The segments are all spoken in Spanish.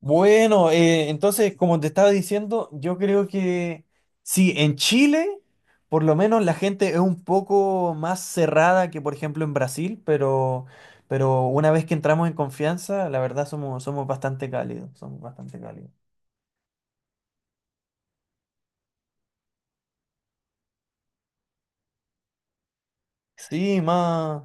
Bueno, entonces, como te estaba diciendo, yo creo que sí, en Chile, por lo menos la gente es un poco más cerrada que, por ejemplo, en Brasil, pero una vez que entramos en confianza, la verdad somos bastante cálidos, somos bastante cálidos. Sí, más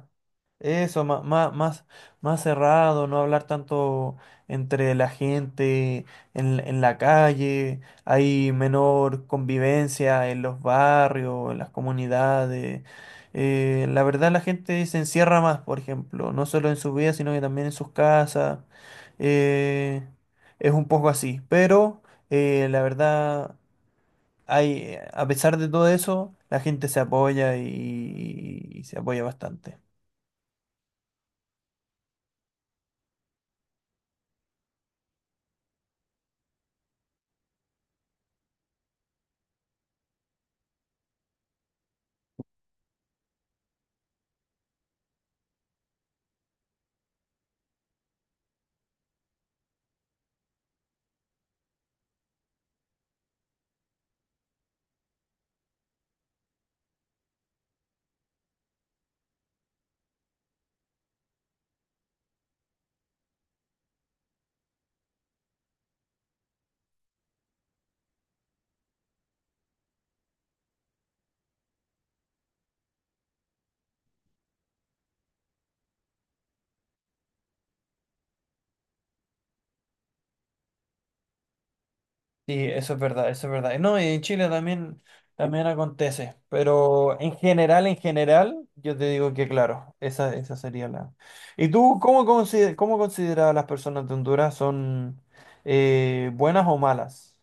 eso, más, más, más, más cerrado, no hablar tanto entre la gente en la calle, hay menor convivencia en los barrios, en las comunidades. La verdad la gente se encierra más, por ejemplo, no solo en su vida, sino que también en sus casas. Eh, es un poco así, pero la verdad hay, a pesar de todo eso, la gente se apoya y se apoya bastante. Sí, eso es verdad, eso es verdad. No, y en Chile también acontece, pero en general, yo te digo que claro, esa sería la. ¿Y tú cómo consideras a las personas de Honduras son buenas o malas?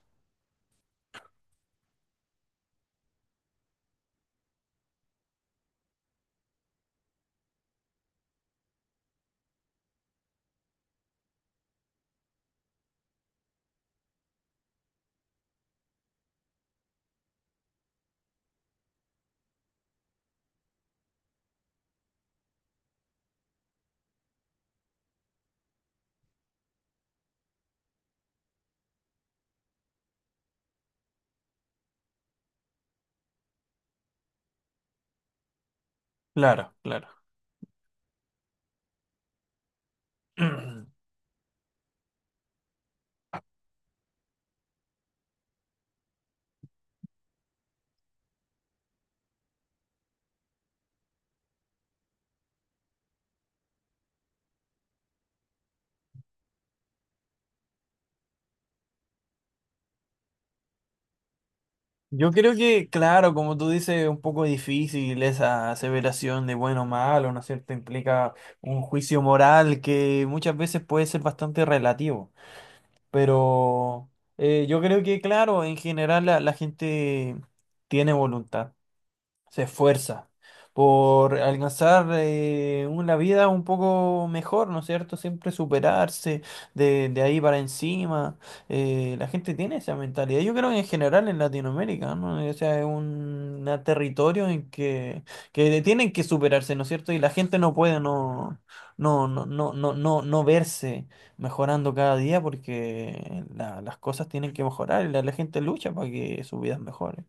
Claro, claro. Yo creo que, claro, como tú dices, es un poco difícil esa aseveración de bueno o malo, ¿no es cierto? Implica un juicio moral que muchas veces puede ser bastante relativo. Pero yo creo que, claro, en general la gente tiene voluntad se esfuerza por alcanzar una vida un poco mejor, ¿no es cierto? Siempre superarse de ahí para encima. La gente tiene esa mentalidad. Yo creo que en general en Latinoamérica, ¿no? O sea, es un una territorio en que tienen que superarse, ¿no es cierto? Y la gente no puede no, no verse mejorando cada día porque las cosas tienen que mejorar y la gente lucha para que sus vidas mejoren.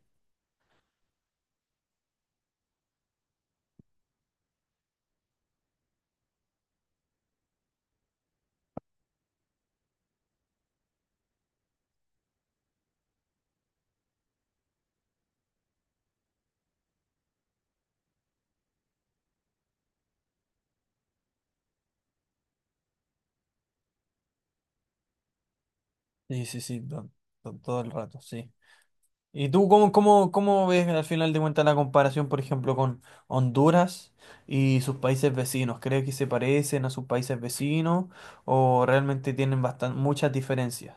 Sí, sí, sí, todo el rato, sí. ¿Y tú cómo ves al final de cuentas la comparación, por ejemplo, con Honduras y sus países vecinos? ¿Crees que se parecen a sus países vecinos o realmente tienen muchas diferencias?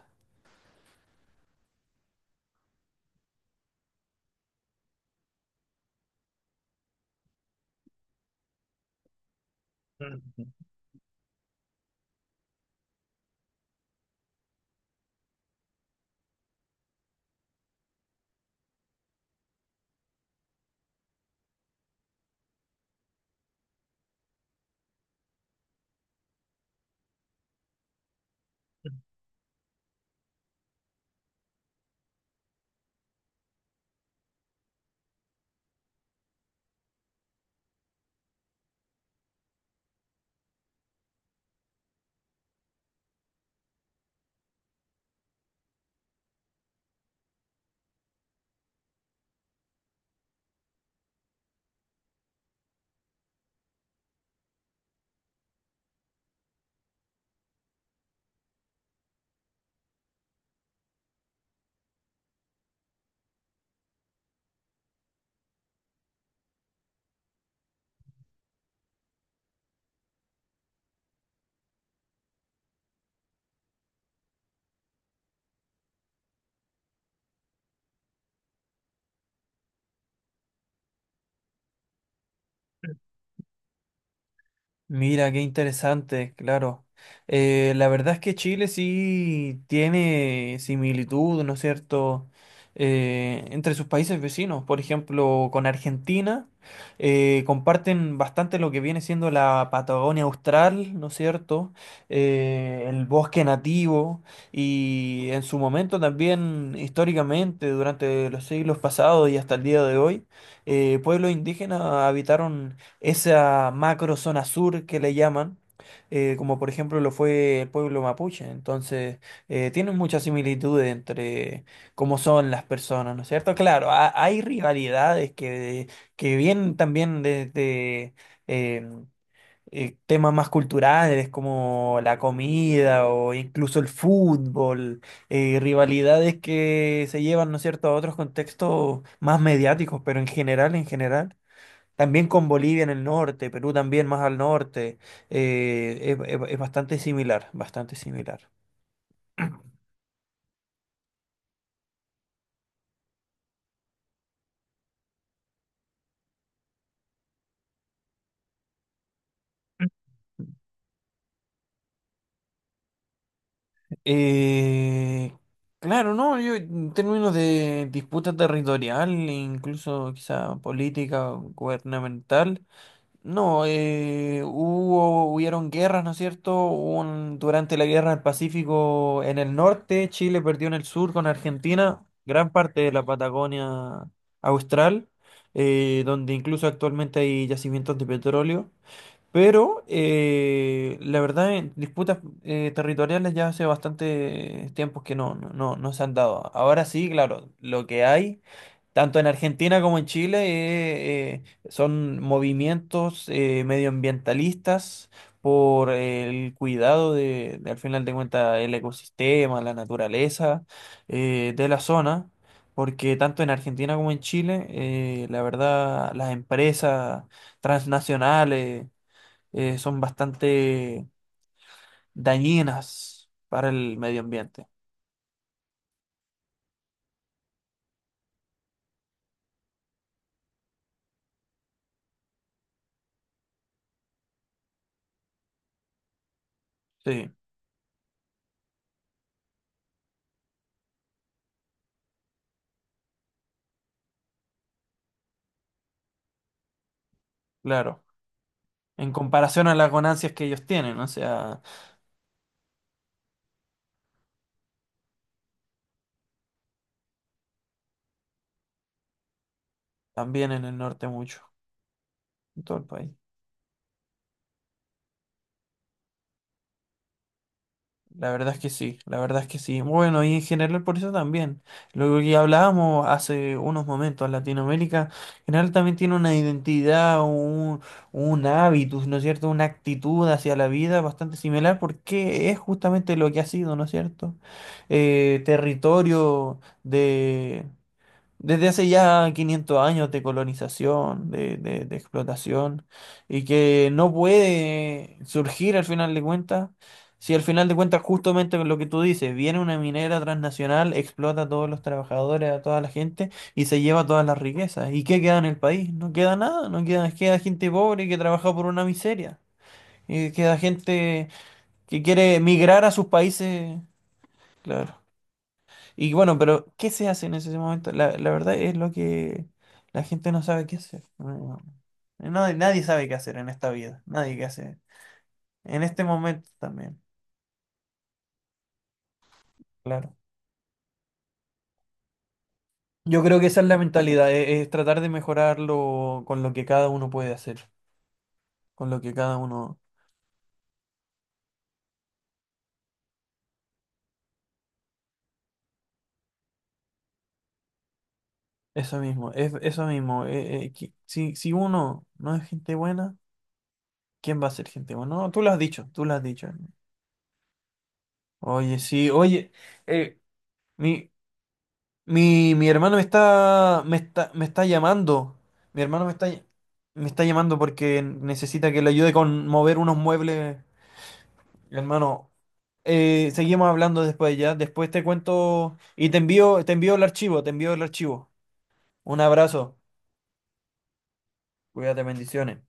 Mira, qué interesante, claro. La verdad es que Chile sí tiene similitud, ¿no es cierto?, entre sus países vecinos. Por ejemplo, con Argentina comparten bastante lo que viene siendo la Patagonia Austral, ¿no es cierto?, el bosque nativo y en su momento también históricamente, durante los siglos pasados y hasta el día de hoy, pueblos indígenas habitaron esa macro zona sur que le llaman, como por ejemplo lo fue el pueblo mapuche. Entonces, tienen muchas similitudes entre cómo son las personas, ¿no es cierto? Claro, hay rivalidades que vienen también desde eh, temas más culturales como la comida o incluso el fútbol, rivalidades que se llevan, ¿no es cierto?, a otros contextos más mediáticos, pero en general, en general. También con Bolivia en el norte, Perú también más al norte, es bastante similar, bastante similar. Eh, claro, no, yo en términos de disputa territorial, e incluso quizá política, o gubernamental, no, hubieron guerras, ¿no es cierto? Hubo durante la guerra del Pacífico en el norte, Chile perdió en el sur con Argentina, gran parte de la Patagonia Austral, donde incluso actualmente hay yacimientos de petróleo. Pero la verdad, en disputas territoriales ya hace bastante tiempo que no, no se han dado. Ahora sí, claro, lo que hay. Tanto en Argentina como en Chile eh, son movimientos medioambientalistas por el cuidado de, al final de cuentas, el ecosistema, la naturaleza de la zona, porque tanto en Argentina como en Chile, la verdad, las empresas transnacionales son bastante dañinas para el medio ambiente. Sí, claro. En comparación a las ganancias que ellos tienen, o sea. También en el norte mucho, en todo el país. La verdad es que sí, la verdad es que sí. Bueno, y en general por eso también. Lo que hablábamos hace unos momentos, Latinoamérica en general también tiene una identidad, un hábitus, ¿no es cierto? Una actitud hacia la vida bastante similar porque es justamente lo que ha sido, ¿no es cierto? Territorio desde hace ya 500 años de colonización, de explotación, y que no puede surgir al final de cuentas, si al final de cuentas justamente lo que tú dices, viene una minera transnacional, explota a todos los trabajadores, a toda la gente, y se lleva todas las riquezas. ¿Y qué queda en el país? No queda nada, no queda, queda gente pobre que trabaja por una miseria, y queda gente que quiere emigrar a sus países, claro. Y bueno, pero ¿qué se hace en ese momento? La verdad es lo que la gente no sabe qué hacer. Nadie sabe qué hacer en esta vida. Nadie qué hacer. En este momento también, claro. Yo creo que esa es la mentalidad, es, tratar de mejorarlo con lo que cada uno puede hacer, con lo que cada uno, eso mismo, es eso mismo. Si uno no es gente buena, ¿quién va a ser gente buena? No, tú lo has dicho, tú lo has dicho. Oye, sí, oye, eh, mi, mi hermano me está, me está llamando. Mi hermano me está llamando porque necesita que le ayude con mover unos muebles. Hermano, seguimos hablando después ya. Después te cuento y te envío el archivo, te envío el archivo. Un abrazo. Cuídate, bendiciones.